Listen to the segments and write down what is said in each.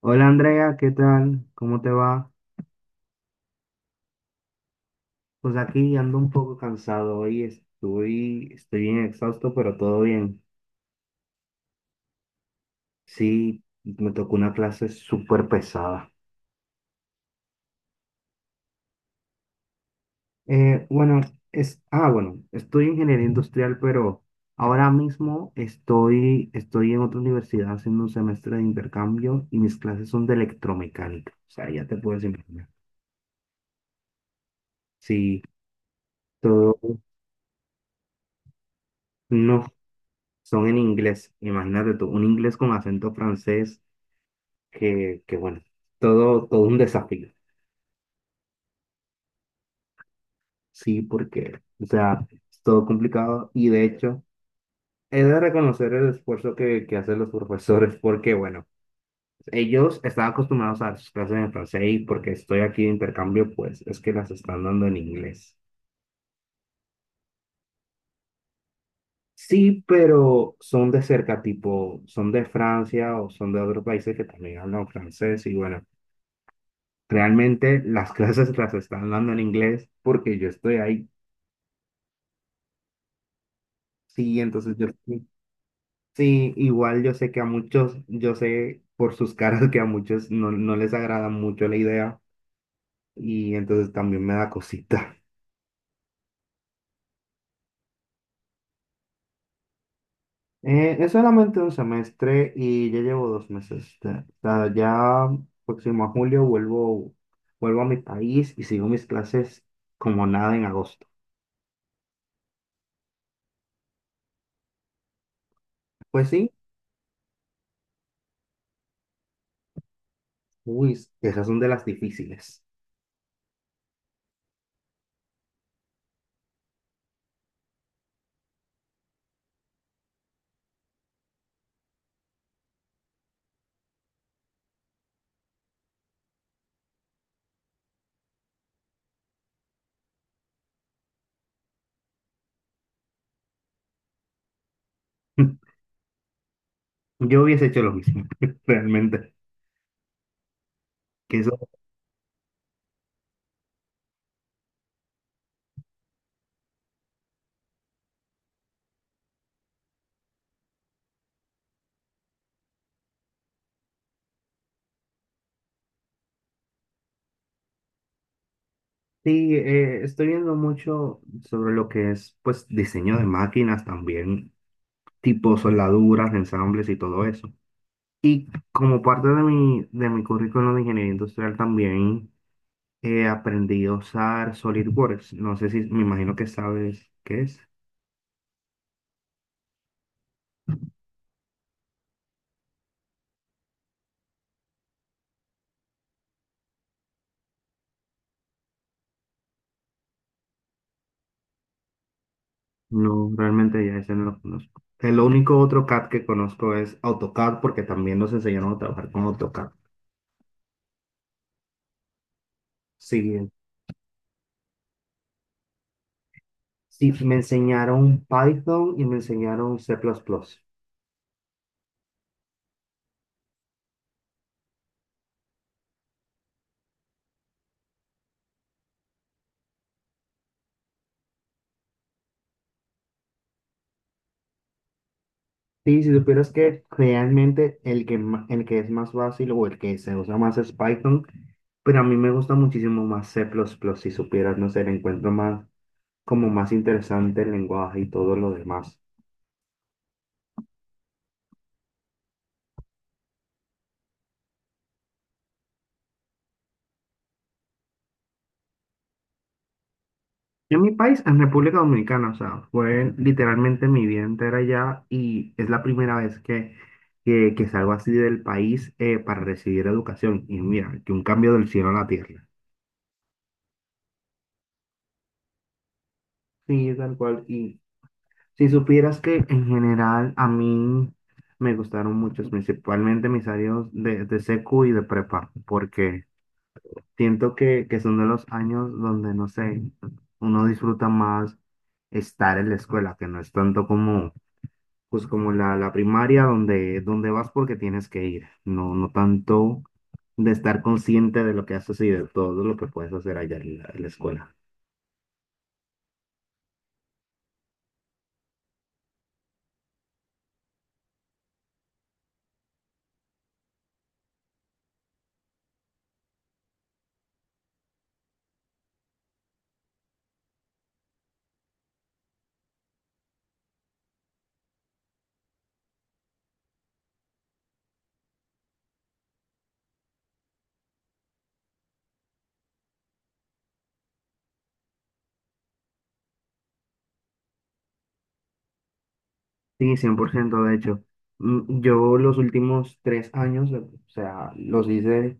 Hola Andrea, ¿qué tal? ¿Cómo te va? Pues aquí ando un poco cansado hoy, estoy bien exhausto, pero todo bien. Sí, me tocó una clase súper pesada. Bueno, ah, bueno, estoy en ingeniería industrial, pero ahora mismo estoy en otra universidad haciendo un semestre de intercambio y mis clases son de electromecánica. O sea, ya te puedes imaginar. Sí, todo, no, son en inglés. Imagínate tú, un inglés con acento francés que bueno, todo un desafío, sí, porque, o sea, es todo complicado y de hecho, he de reconocer el esfuerzo que hacen los profesores porque, bueno, ellos están acostumbrados a sus clases en francés y porque estoy aquí de intercambio, pues es que las están dando en inglés. Sí, pero son de cerca, tipo, son de Francia o son de otros países que también hablan francés y bueno, realmente las clases las están dando en inglés porque yo estoy ahí. Sí, entonces yo. Sí, igual yo sé que a muchos, yo sé por sus caras que a muchos no, no les agrada mucho la idea y entonces también me da cosita. Es solamente un semestre y ya llevo 2 meses. O sea, ya próximo a julio vuelvo, vuelvo a mi país y sigo mis clases como nada en agosto. Pues sí, uy, esas son de las difíciles. Yo hubiese hecho lo mismo, realmente. Que eso. Sí, estoy viendo mucho sobre lo que es, pues, diseño de máquinas también, tipo soldaduras, ensambles y todo eso. Y como parte de mi currículum de ingeniería industrial también aprendí a usar SolidWorks. No sé si, me imagino que sabes qué es. No, realmente ya ese no lo conozco. El único otro CAD que conozco es AutoCAD porque también nos enseñaron a trabajar con AutoCAD. Sí. Sí, me enseñaron Python y me enseñaron C++. Sí, si supieras que realmente el que, el que es más fácil o el que se usa más es Python, pero a mí me gusta muchísimo más C++, si supieras, no sé, le encuentro más, como más interesante el lenguaje y todo lo demás. En mi país, en República Dominicana, o sea, fue literalmente mi vida entera allá y es la primera vez que salgo así del país para recibir educación. Y mira, que un cambio del cielo a la tierra. Sí, tal cual. Si supieras que en general a mí me gustaron muchos, principalmente mis años de secu y de prepa, porque siento que son de los años donde, no sé, uno disfruta más estar en la escuela, que no es tanto como, pues como la primaria donde vas porque tienes que ir, no, no tanto de estar consciente de lo que haces y de todo lo que puedes hacer allá en la escuela. Sí, 100% de hecho. Mm. Yo los últimos 3 años, o sea, los hice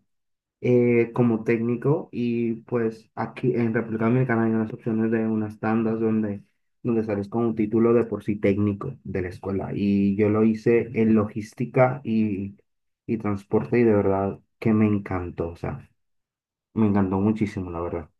como técnico y pues aquí en República Dominicana hay unas opciones de unas tandas donde, donde sales con un título de por sí técnico de la escuela. Y yo lo hice en logística y transporte y de verdad que me encantó, o sea, me encantó muchísimo, la verdad.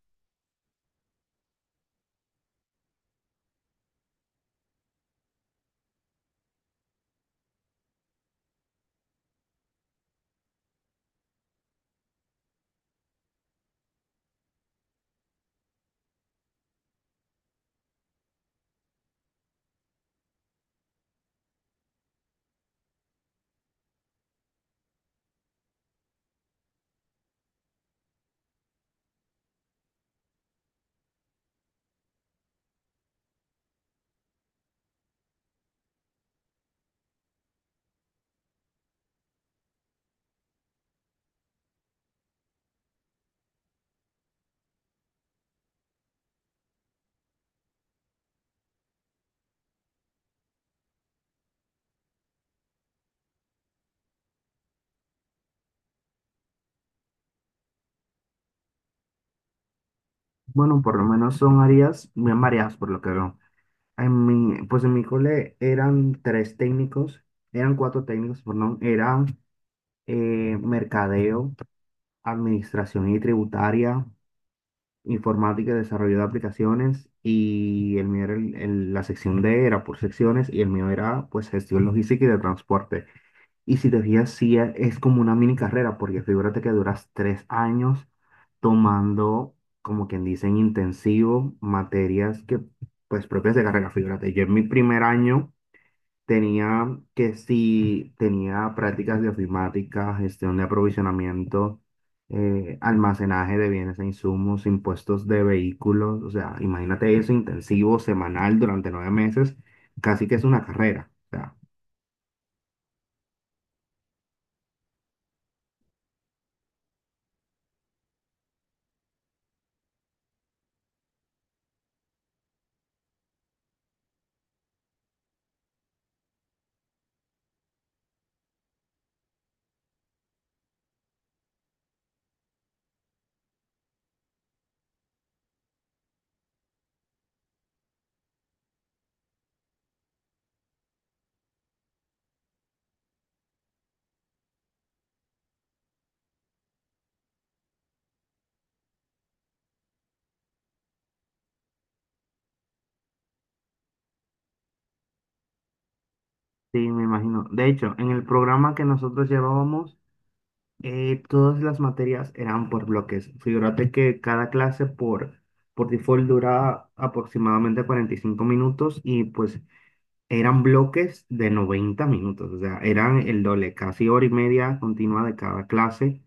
Bueno, por lo menos son áreas bien variadas por lo que veo. Pues en mi cole eran tres técnicos, eran cuatro técnicos, perdón, eran mercadeo, administración y tributaria, informática y desarrollo de aplicaciones, y el mío era la sección D, era por secciones, y el mío era pues gestión logística y de transporte. Y si te fijas, sí es como una mini carrera, porque figúrate que duras 3 años tomando, como quien dice, en intensivo materias que pues propias de carrera, figúrate, yo en mi primer año tenía que si tenía prácticas de ofimática, gestión de aprovisionamiento, almacenaje de bienes e insumos, impuestos de vehículos, o sea, imagínate eso intensivo, semanal, durante 9 meses, casi que es una carrera, o sea. Sí, me imagino. De hecho, en el programa que nosotros llevábamos, todas las materias eran por bloques. Figúrate que cada clase por default dura aproximadamente 45 minutos y pues eran bloques de 90 minutos, o sea, eran el doble, casi hora y media continua de cada clase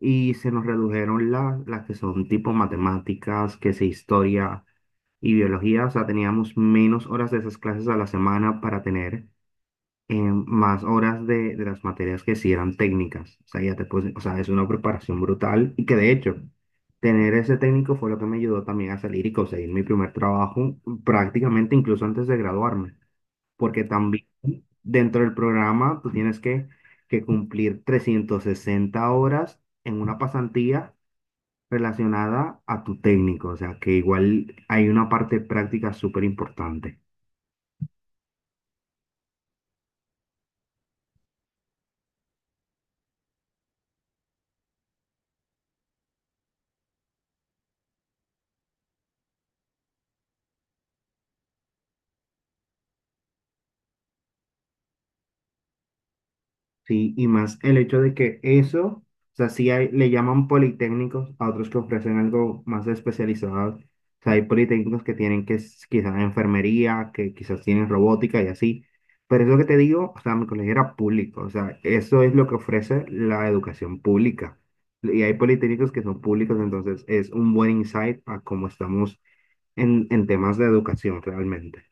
y se nos redujeron las que son tipo matemáticas, que sea historia y biología, o sea, teníamos menos horas de esas clases a la semana para tener eh, más horas de las materias que sí eran técnicas, o sea, ya te puedes, o sea, es una preparación brutal y que de hecho, tener ese técnico fue lo que me ayudó también a salir y conseguir mi primer trabajo prácticamente incluso antes de graduarme porque también dentro del programa tú tienes que cumplir 360 horas en una pasantía relacionada a tu técnico, o sea que igual hay una parte práctica súper importante. Sí, y más el hecho de que eso, o sea, sí le llaman politécnicos a otros que ofrecen algo más especializado. O sea, hay politécnicos que tienen que quizás enfermería, que quizás tienen robótica y así. Pero eso que te digo, o sea, mi colegio era público. O sea, eso es lo que ofrece la educación pública. Y hay politécnicos que son públicos, entonces es un buen insight a cómo estamos en temas de educación realmente.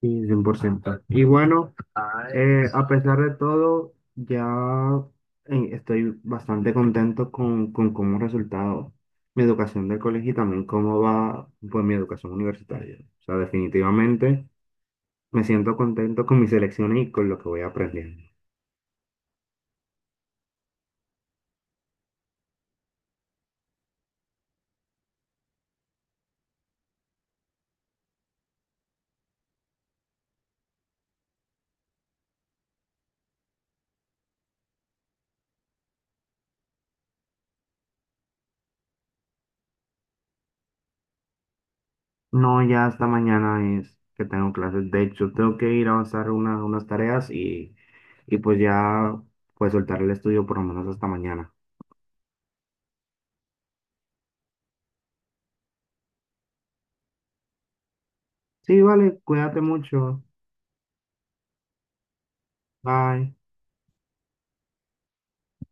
Sí, cien por ciento. Y bueno, a pesar de todo, ya estoy bastante contento con cómo ha resultado mi educación del colegio y también cómo va pues, mi educación universitaria. O sea, definitivamente me siento contento con mis elecciones y con lo que voy aprendiendo. No, ya hasta mañana es que tengo clases. De hecho, tengo que ir a avanzar unas tareas y pues ya pues soltar el estudio por lo menos hasta mañana. Sí, vale, cuídate mucho. Bye.